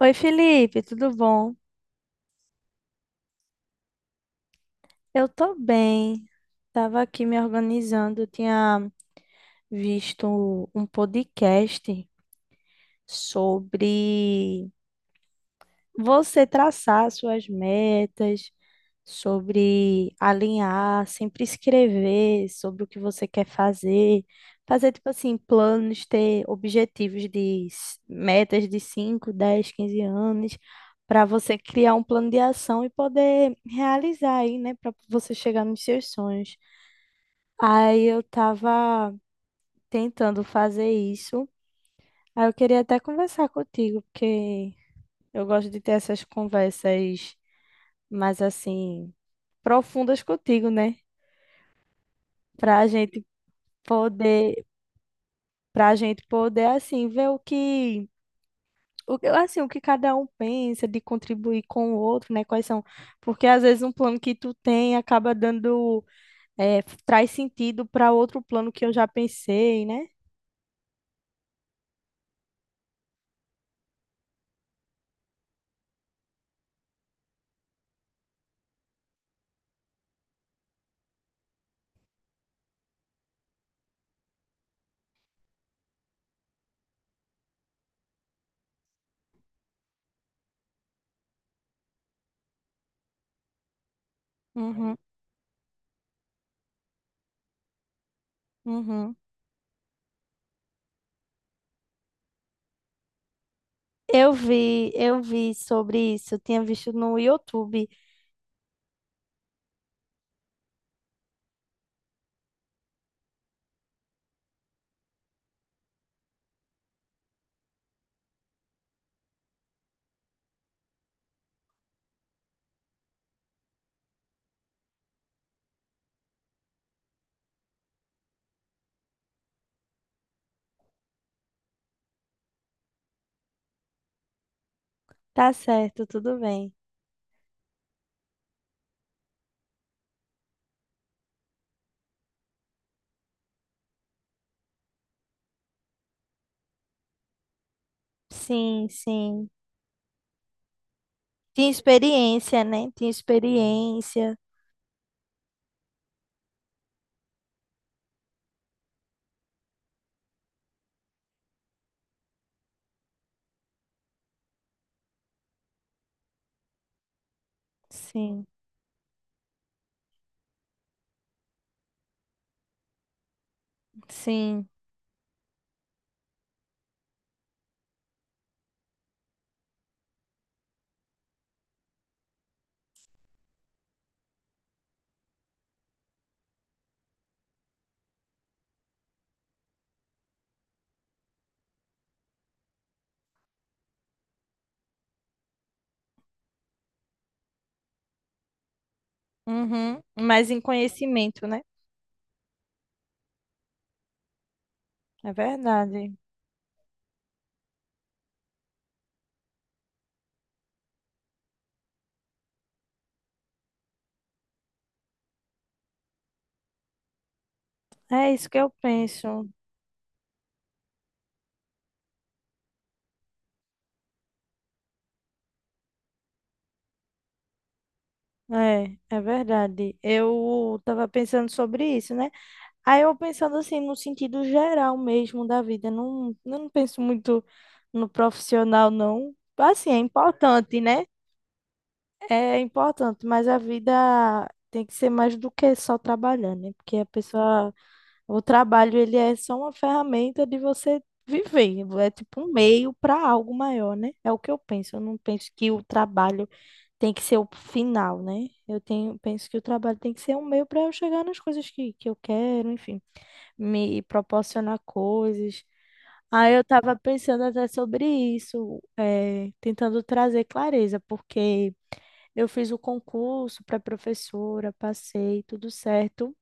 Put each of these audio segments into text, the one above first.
Oi, Felipe, tudo bom? Eu tô bem. Tava aqui me organizando, eu tinha visto um podcast sobre você traçar suas metas, sobre alinhar, sempre escrever sobre o que você quer fazer, fazer tipo assim, planos, ter objetivos de metas de 5, 10, 15 anos, para você criar um plano de ação e poder realizar aí, né, para você chegar nos seus sonhos. Aí eu tava tentando fazer isso. Aí eu queria até conversar contigo, porque eu gosto de ter essas conversas mais assim profundas contigo, né? Pra gente poder para a gente poder assim ver o que assim o que cada um pensa de contribuir com o outro, né? Quais são? Porque às vezes um plano que tu tem acaba dando é, traz sentido para outro plano que eu já pensei, né? Uhum, uhum. Eu vi sobre isso, tinha visto no YouTube. Tá certo, tudo bem. Sim, sim. Tinha experiência, né? Tinha experiência. Sim, sim. Uhum. Mas em conhecimento, né? É verdade. É isso que eu penso. É, é verdade. Eu tava pensando sobre isso, né? Aí eu pensando assim, no sentido geral mesmo da vida. Não, eu não penso muito no profissional, não. Assim, é importante, né? É importante, mas a vida tem que ser mais do que só trabalhar, né? Porque a pessoa. O trabalho, ele é só uma ferramenta de você viver, é tipo um meio para algo maior, né? É o que eu penso. Eu não penso que o trabalho tem que ser o final, né? Eu tenho, penso que o trabalho tem que ser um meio para eu chegar nas coisas que eu quero, enfim, me proporcionar coisas. Aí eu estava pensando até sobre isso, tentando trazer clareza, porque eu fiz o concurso para professora, passei, tudo certo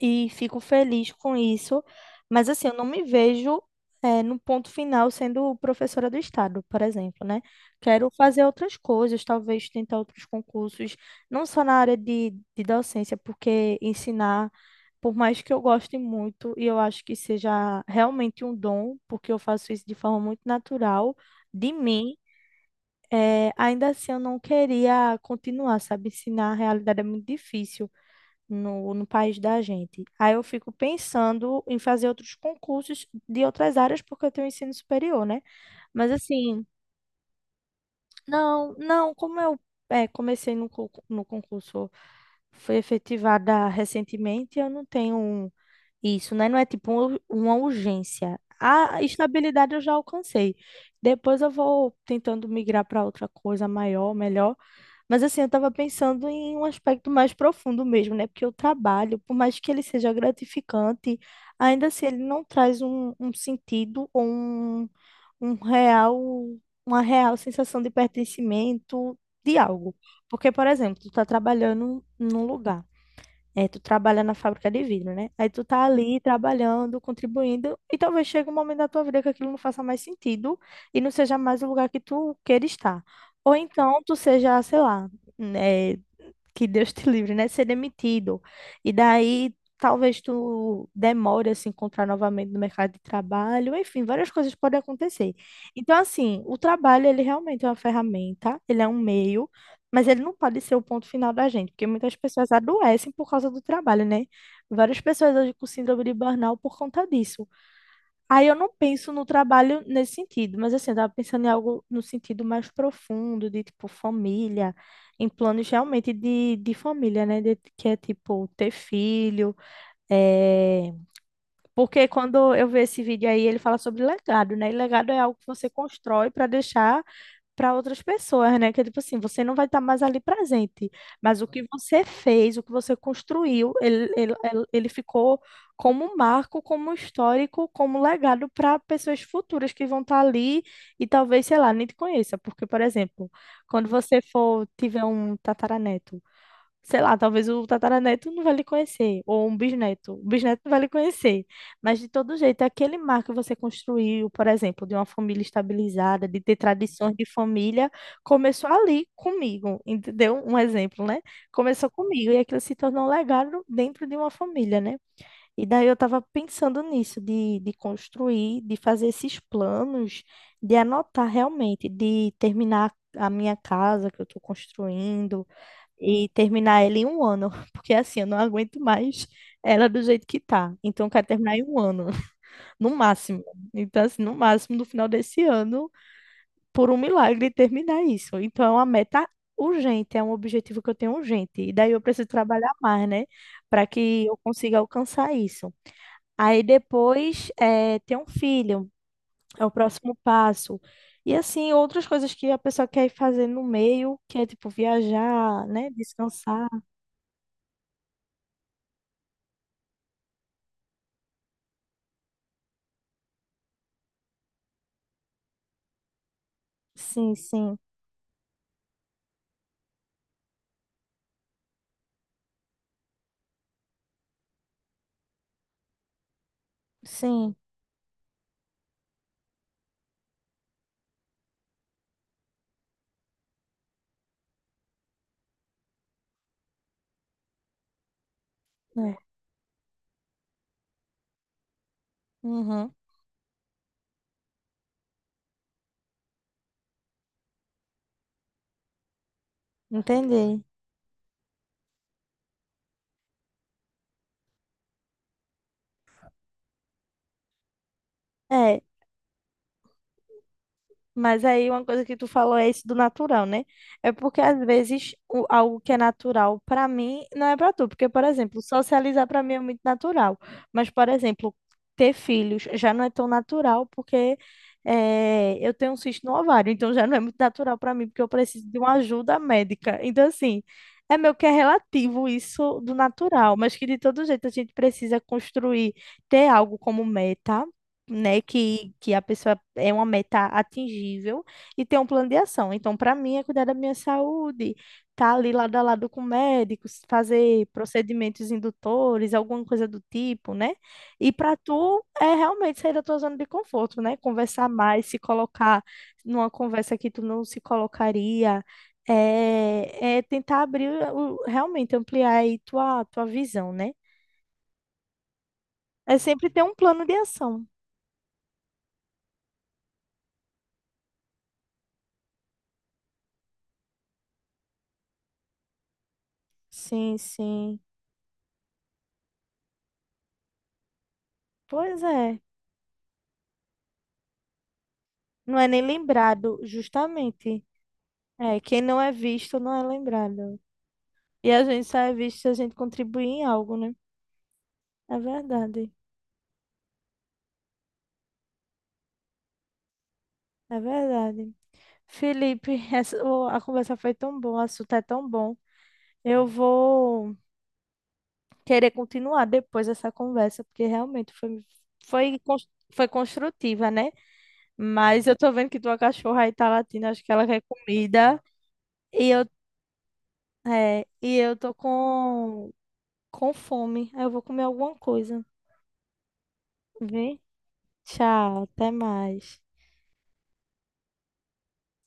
e fico feliz com isso, mas assim, eu não me vejo no ponto final sendo professora do estado, por exemplo, né? Quero fazer outras coisas, talvez tentar outros concursos, não só na área de docência, porque ensinar, por mais que eu goste muito e eu acho que seja realmente um dom, porque eu faço isso de forma muito natural, de mim. Ainda assim, eu não queria continuar, sabe? Ensinar a realidade é muito difícil no país da gente. Aí eu fico pensando em fazer outros concursos de outras áreas, porque eu tenho ensino superior, né? Mas assim, não, não, comecei no concurso, foi efetivada recentemente, eu não tenho isso, né? Não é tipo uma urgência. A estabilidade eu já alcancei. Depois eu vou tentando migrar para outra coisa maior, melhor. Mas assim, eu tava pensando em um aspecto mais profundo mesmo, né? Porque o trabalho, por mais que ele seja gratificante, ainda assim ele não traz um sentido ou um real, uma real sensação de pertencimento de algo. Porque, por exemplo, tu tá trabalhando num lugar. É, tu trabalha na fábrica de vidro, né? Aí tu tá ali trabalhando, contribuindo, e talvez chegue um momento da tua vida que aquilo não faça mais sentido e não seja mais o lugar que tu queira estar. Ou então tu seja, sei lá, né, que Deus te livre, né? Ser demitido. E daí talvez tu demore a se encontrar novamente no mercado de trabalho, enfim, várias coisas podem acontecer. Então, assim, o trabalho, ele realmente é uma ferramenta, ele é um meio, mas ele não pode ser o ponto final da gente, porque muitas pessoas adoecem por causa do trabalho, né? Várias pessoas hoje com síndrome de burnout por conta disso. Aí eu não penso no trabalho nesse sentido, mas assim, eu tava pensando em algo no sentido mais profundo, de tipo família, em planos realmente de família, né? Que é tipo ter filho. é, Porque quando eu vejo esse vídeo aí, ele fala sobre legado, né? E legado é algo que você constrói para deixar para outras pessoas, né? Que é tipo assim, você não vai estar mais ali presente, mas o que você fez, o que você construiu, ele ficou como um marco, como um histórico, como um legado para pessoas futuras que vão estar ali e talvez, sei lá, nem te conheça, porque, por exemplo, quando você for tiver um tataraneto sei lá, talvez o tataraneto não vai lhe conhecer, ou um bisneto, o bisneto não vai lhe conhecer, mas de todo jeito, aquele mar que você construiu, por exemplo, de uma família estabilizada, de ter tradições de família, começou ali comigo, entendeu? Um exemplo, né? Começou comigo, e aquilo se tornou um legado dentro de uma família, né? E daí eu estava pensando nisso, de construir, de fazer esses planos, de anotar realmente, de terminar a minha casa que eu estou construindo, e terminar ela em um ano, porque assim, eu não aguento mais ela do jeito que tá. Então, eu quero terminar em um ano, no máximo. Então, assim, no máximo, no final desse ano, por um milagre, terminar isso. Então, é uma meta urgente, é um objetivo que eu tenho urgente. E daí eu preciso trabalhar mais, né, para que eu consiga alcançar isso. Aí depois, é, ter um filho, é o próximo passo. E assim, outras coisas que a pessoa quer ir fazer no meio, que é tipo viajar, né, descansar. Sim, sim. Sim, é. Uhum, entendi. É, mas aí uma coisa que tu falou é isso do natural, né? É porque às vezes algo que é natural pra mim não é pra tu, porque por exemplo, socializar pra mim é muito natural, mas por exemplo, ter filhos já não é tão natural porque eu tenho um cisto no ovário, então já não é muito natural pra mim porque eu preciso de uma ajuda médica. Então assim, é meio que é relativo isso do natural, mas que de todo jeito a gente precisa construir, ter algo como meta né, que a pessoa é uma meta atingível e tem um plano de ação. Então, para mim, é cuidar da minha saúde, tá ali lado a lado com médicos, fazer procedimentos indutores, alguma coisa do tipo, né? E para tu é realmente sair da tua zona de conforto, né? Conversar mais, se colocar numa conversa que tu não se colocaria. É, é tentar abrir, realmente ampliar aí tua visão, né? É sempre ter um plano de ação. Sim, sim. Pois é, não é nem lembrado, justamente. É, quem não é visto não é lembrado. E a gente só é visto se a gente contribuir em algo, né? É verdade, é verdade. Felipe, a conversa foi tão boa, o assunto é tão bom. Eu vou querer continuar depois essa conversa, porque realmente foi, cons- foi construtiva, né? Mas eu tô vendo que tua cachorra aí tá latindo, acho que ela quer comida. E eu, e eu tô com fome. Aí eu vou comer alguma coisa. Vem? Tchau, até mais.